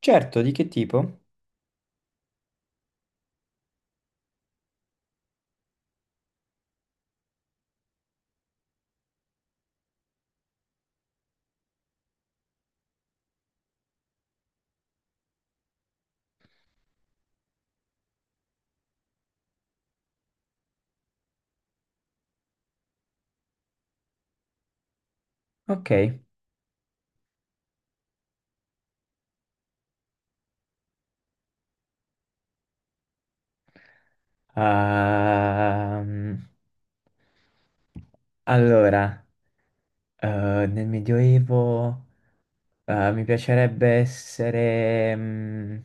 Certo, di che tipo? Ok. Ehm, allora, nel Medioevo, mi piacerebbe essere,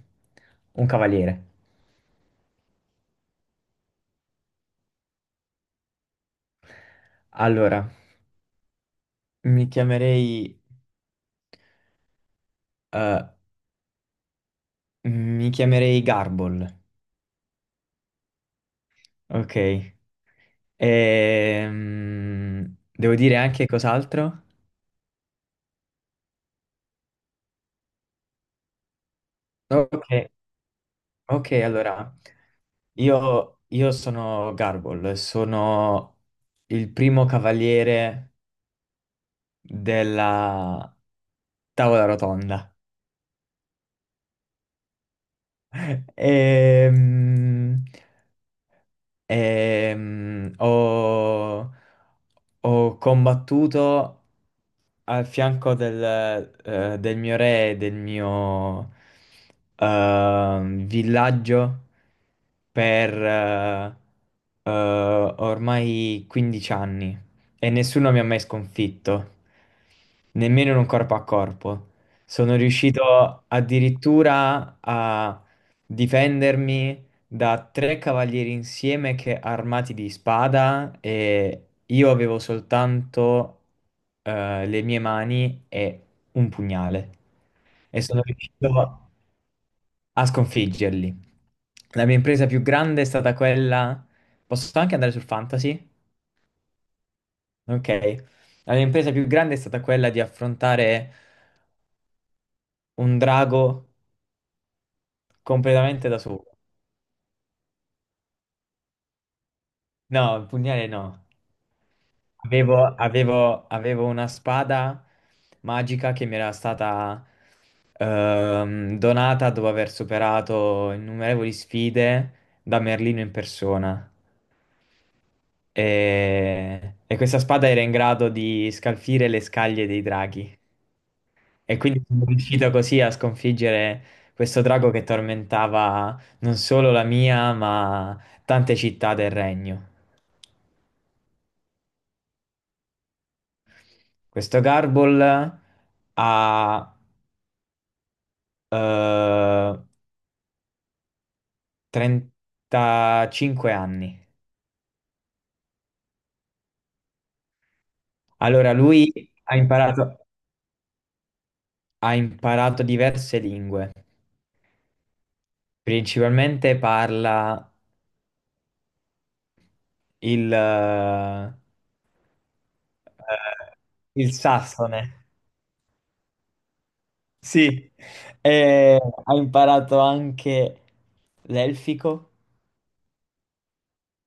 un cavaliere. Allora, mi chiamerei, eh, mi chiamerei Garbol. Ok. Devo dire anche cos'altro? Ok, ok, allora. Io sono Garble, sono il primo cavaliere della tavola rotonda. Ehm, ehm, ho, ho combattuto al fianco del mio re, e del mio villaggio per eh, ormai 15 anni e nessuno mi ha mai sconfitto nemmeno in un corpo a corpo. Sono riuscito addirittura a difendermi da tre cavalieri insieme che armati di spada e io avevo soltanto le mie mani e un pugnale e sono riuscito a sconfiggerli. La mia impresa più grande è stata quella... Posso anche andare sul fantasy? Ok. La mia impresa più grande è stata quella di affrontare un drago completamente da solo. No, il pugnale no. Avevo una spada magica che mi era stata donata dopo aver superato innumerevoli sfide da Merlino in persona. E questa spada era in grado di scalfire le scaglie dei draghi. E quindi sono riuscito così a sconfiggere questo drago che tormentava non solo la mia, ma tante città del regno. Questo Garble ha eh, 35 anni. Allora, lui ha imparato, ha imparato diverse lingue. Principalmente parla il, eh, il sassone. Sì, e ha imparato anche l'elfico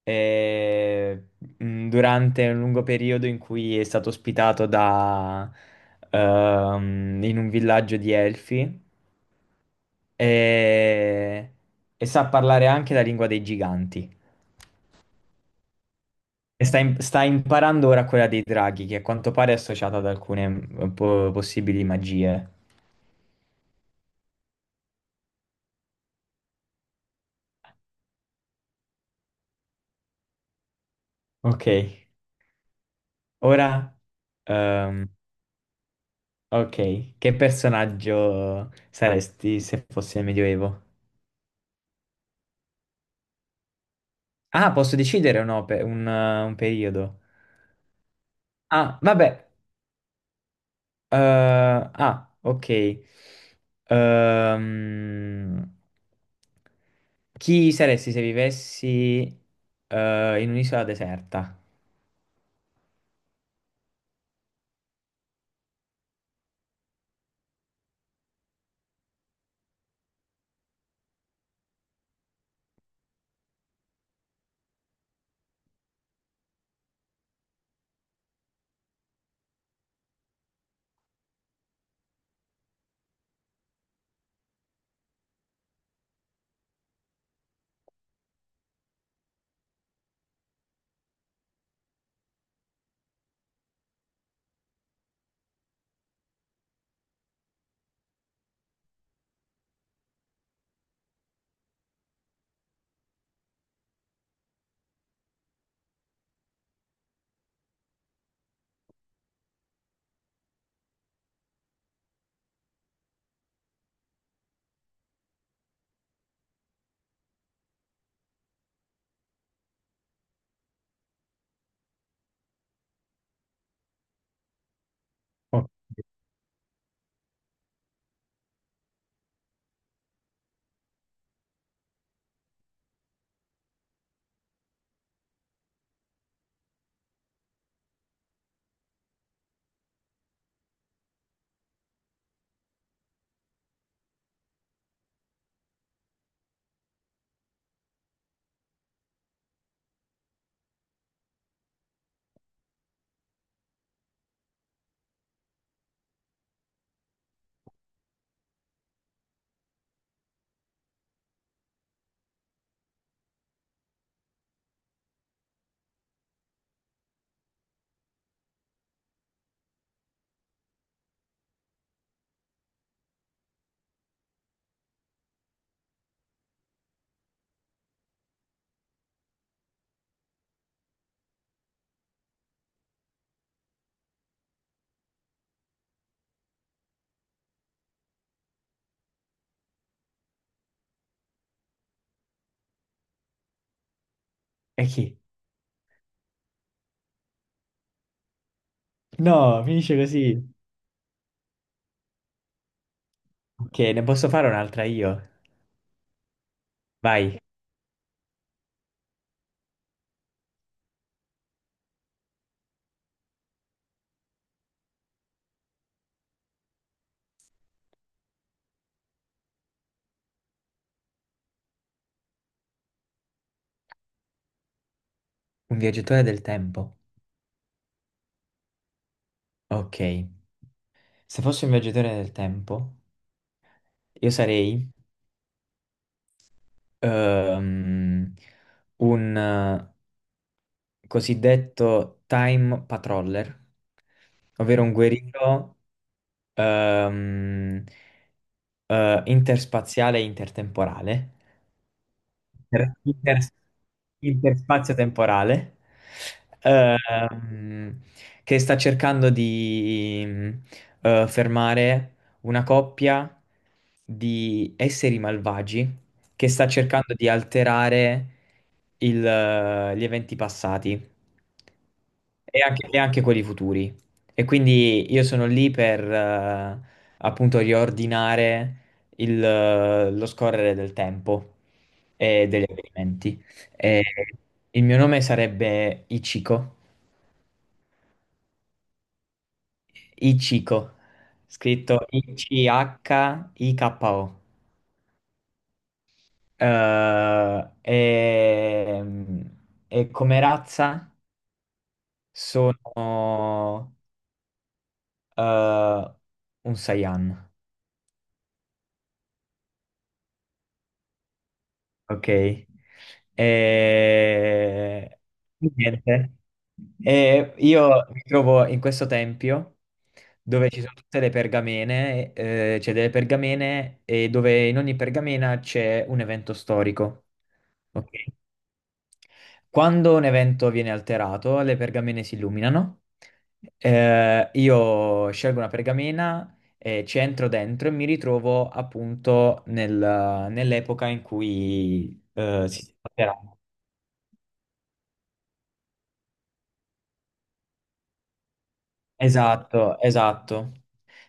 eh, durante un lungo periodo in cui è stato ospitato in un villaggio di elfi e, e sa parlare anche la lingua dei giganti. E sta imparando ora quella dei draghi, che a quanto pare è associata ad alcune possibili magie. Ok, ora... ehm, ok, che personaggio saresti se fossi nel Medioevo? Ah, posso decidere o no per un periodo? Ah, vabbè. eh, ok. Ehm, chi saresti se vivessi in un'isola deserta? Oh, e chi? No, finisce così. Ok, ne posso fare un'altra io? Vai, un viaggiatore del tempo. Ok, se fossi un viaggiatore del tempo, io sarei ehm, un, cosiddetto time patroller, ovvero un guerriero ehm, interspaziale e intertemporale inter- inter- interspazio temporale, ehm, che sta cercando di fermare una coppia di esseri malvagi che sta cercando di alterare gli eventi passati e anche quelli futuri. E quindi io sono lì per appunto riordinare lo scorrere del tempo e degli avvenimenti. E il mio nome sarebbe Ichiko, Ichiko, scritto I-C-H-I-K-O. Eh, e, e come razza sono eh, un Saiyan. Ok. E... Niente. E io mi trovo in questo tempio dove ci sono tutte le pergamene, c'è delle pergamene e dove in ogni pergamena c'è un evento storico. Ok? Quando un evento viene alterato, le pergamene si illuminano. Io scelgo una pergamena, e ci entro dentro e mi ritrovo appunto nell'epoca in cui si sta esatto, esatto.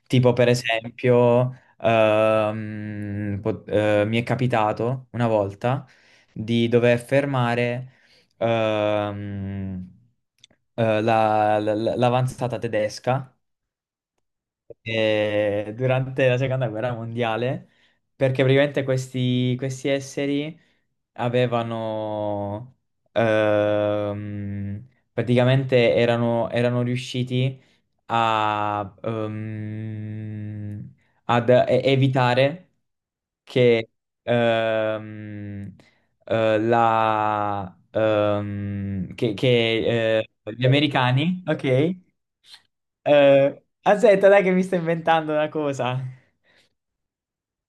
Tipo per esempio, mi è capitato una volta di dover fermare ehm, l'avanzata tedesca durante la seconda guerra mondiale, perché praticamente questi esseri avevano praticamente erano riusciti a, ehm, evitare che ehm, eh, la, ehm, che, che, eh, gli americani, ok? Aspetta, dai che mi sto inventando una cosa.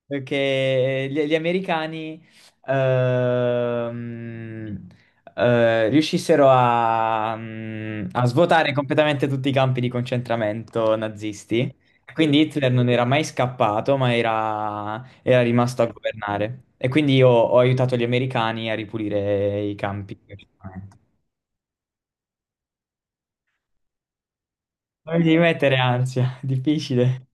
Perché gli americani ehm, riuscissero a, a svuotare completamente tutti i campi di concentramento nazisti. Quindi Hitler non era mai scappato, ma era rimasto a governare. E quindi io ho aiutato gli americani a ripulire i campi di concentramento. Non devi mettere ansia, difficile.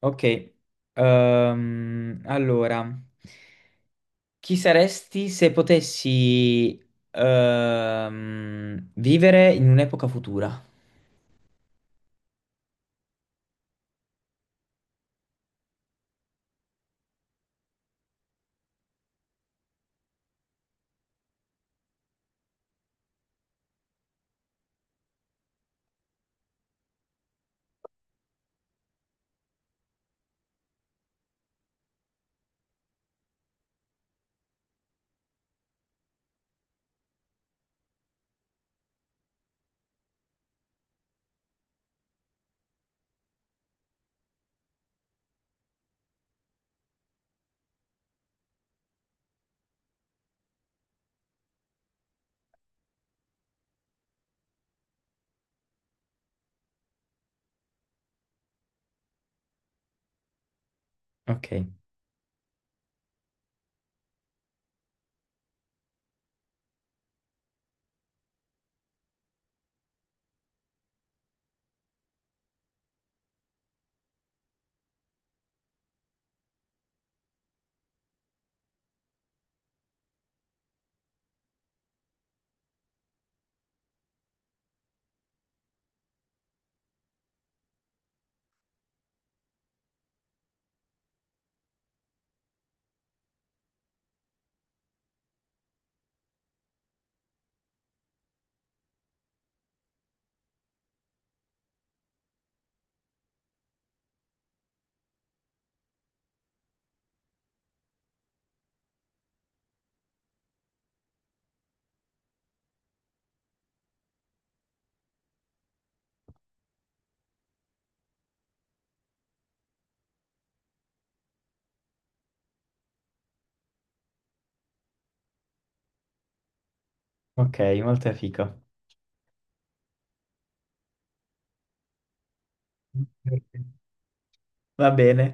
Ok, allora. Chi saresti se potessi vivere in un'epoca futura? Ok, ok, molto fico. Va bene.